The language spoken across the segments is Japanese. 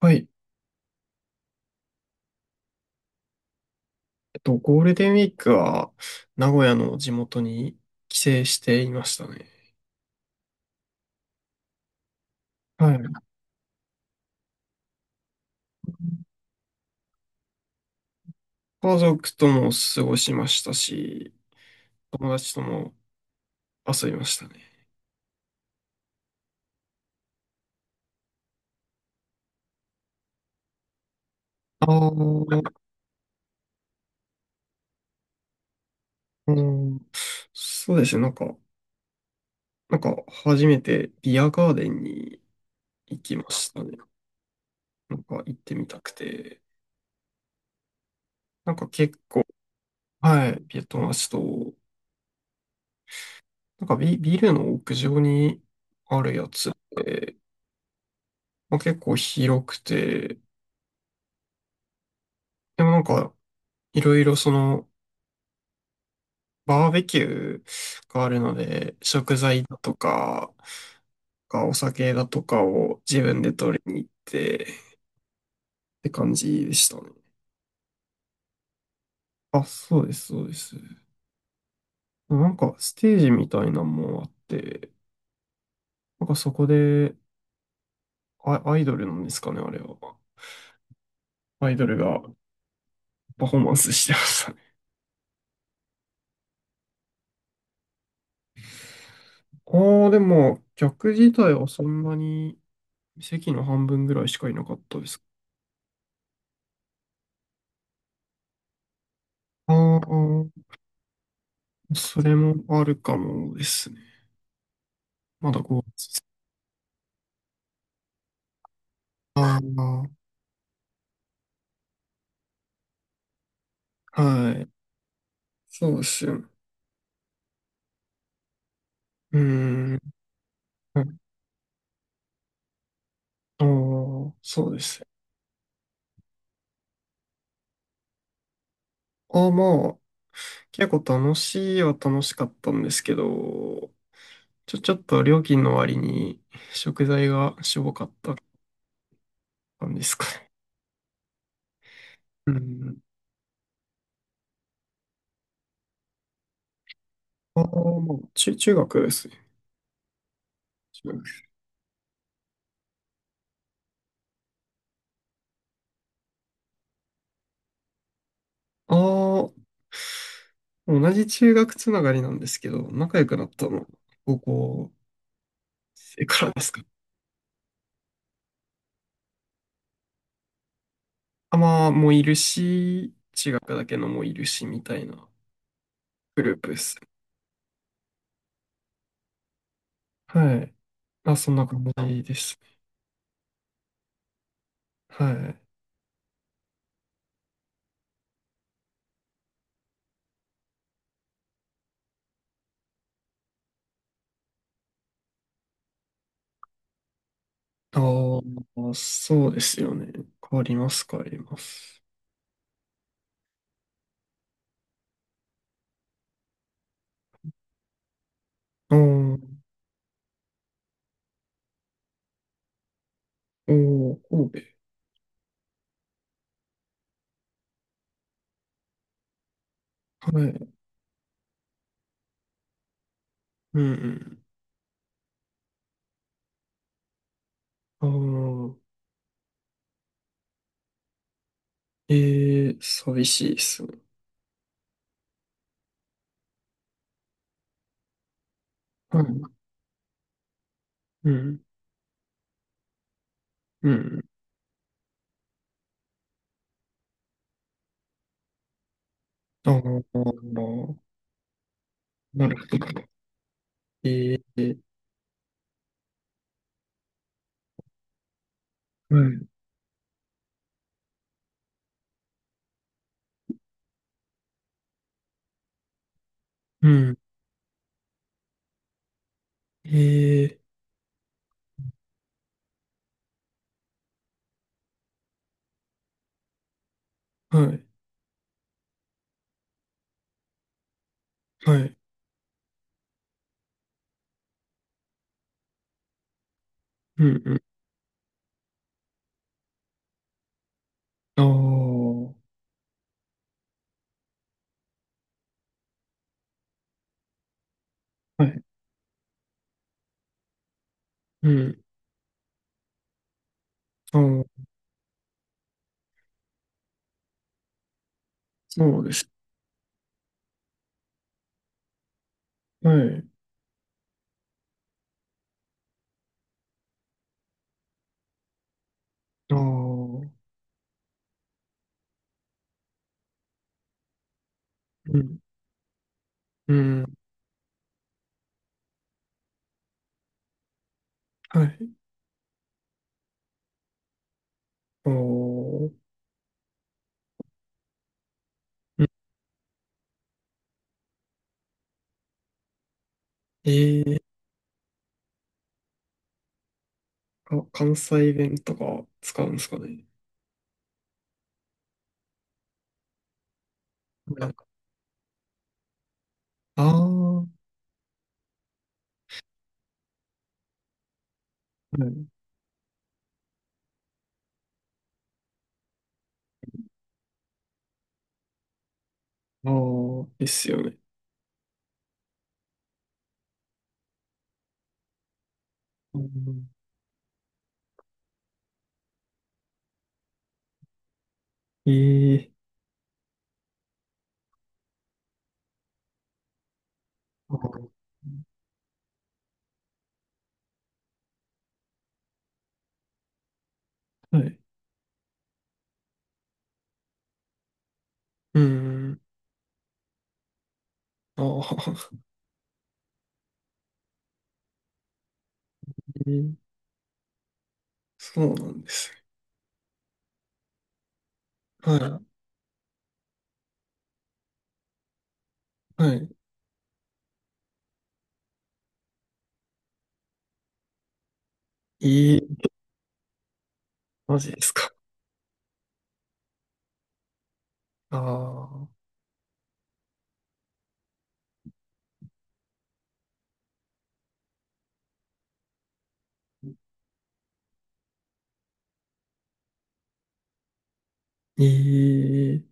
はい。ゴールデンウィークは、名古屋の地元に帰省していましたね。はい。家族とも過ごしましたし、友達とも遊びましたね。あーあの、そうですね。なんか、初めてビアガーデンに行きましたね。なんか、行ってみたくて。なんか結構、はい、ビア友達と、ビルの屋上にあるやつ、まあ、結構広くて、でもなんか、いろいろその、バーベキューがあるので、食材だとか、お酒だとかを自分で取りに行ってって感じでしたね。あ、そうです、そうです。なんかステージみたいなのもあって、なんかそこで、アイドルなんですかね、あれは。アイドルがパフォーマンスしてましたね。ああ、でも、客自体はそんなに席の半分ぐらいしかいなかったです。ああ、それもあるかもですね。まだ5ああ、はい。そうですよ。うーん。ああー、そうですよ。ああ、まあ、結構楽しいは楽しかったんですけど、ちょっと料金の割に食材がしょぼかった感じですかね。うん。ああ、まあ、中学ですね。中学ああ、同じ中学つながりなんですけど、仲良くなったの、高校生からですか。あ、まあ、もういるし、中学だけのもいるし、みたいな。グループです。はい。まあ、そんな感じです。はい。ああ、そうですよね。変わります、変わります。ああ、おお、神戸。はい。うんうん。ああ、えー、寂しいですね。はい。うん、うん。ああ、なるほど。えー、はい。うん。えー、はい。はい。うんうん。ああ、はい。うん。ああ、そうです。はい。ああ。うん。うん。はい。おー。うんえー、あ関西弁とか使うんですかね。なんか、ああ、はい。ああ、ですよね。うんえー、あーはい。うん。ああ、えーそうなんですね。はい。はい。えー、マジですか。ああ、えー、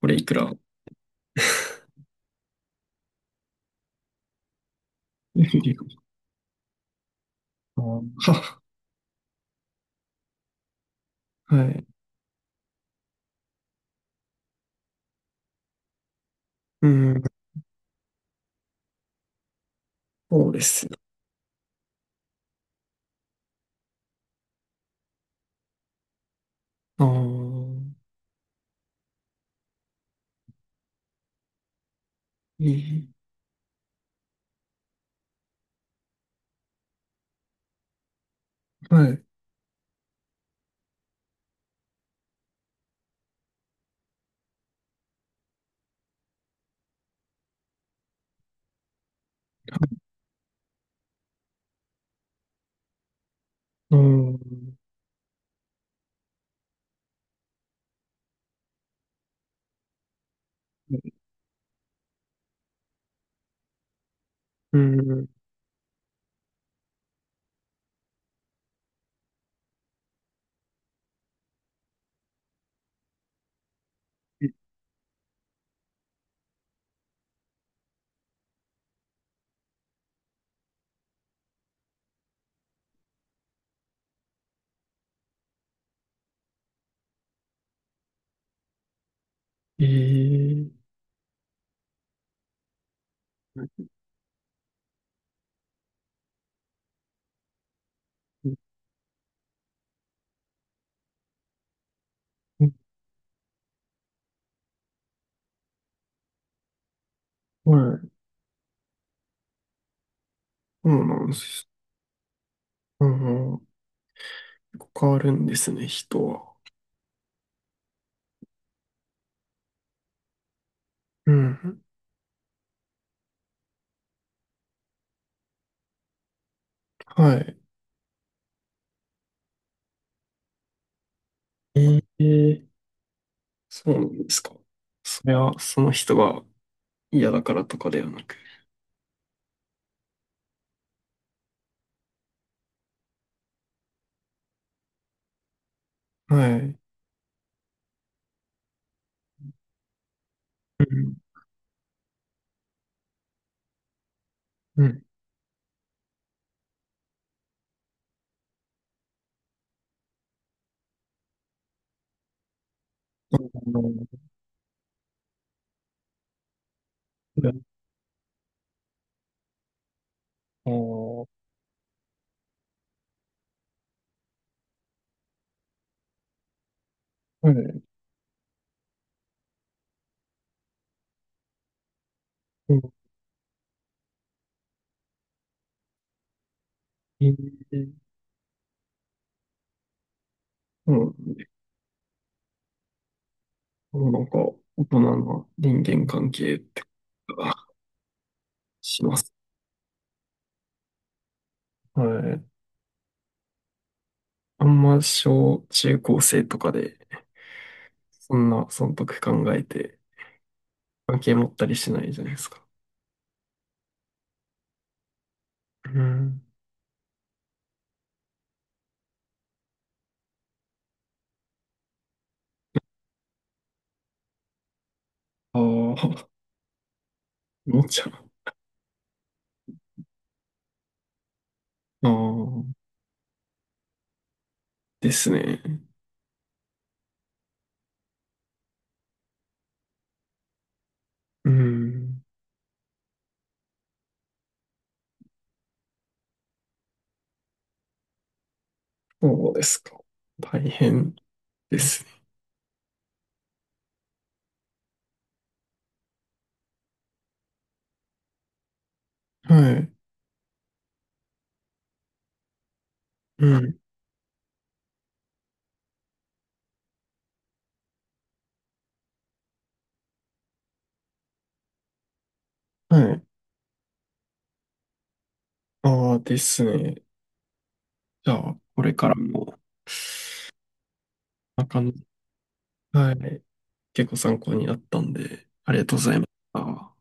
これいくら は、はい。うん、そうですね。ああ、えーはい。うん。うん。ええはい。そうなんです。うん。結構変わるんですね、人は。うん。はい。ええそうなんですか。それは、その人が嫌だからとかではなく。はい。うん。うん。あの、いやあーはい。うん。ええそうなんで、なんか、大人な人間関係ってことがします。はい。あんま小中高生とかで、そんな損得考えて、関係持ったりしないじゃないですか。うん。ああ、おもちゃう。ああ、ですね。うん。そうですか。大変ですね。はい。うん。はい。ああ、ですね。じゃあ、これからも、こんな感じ。はい。結構参考になったんで、ありがとうございました。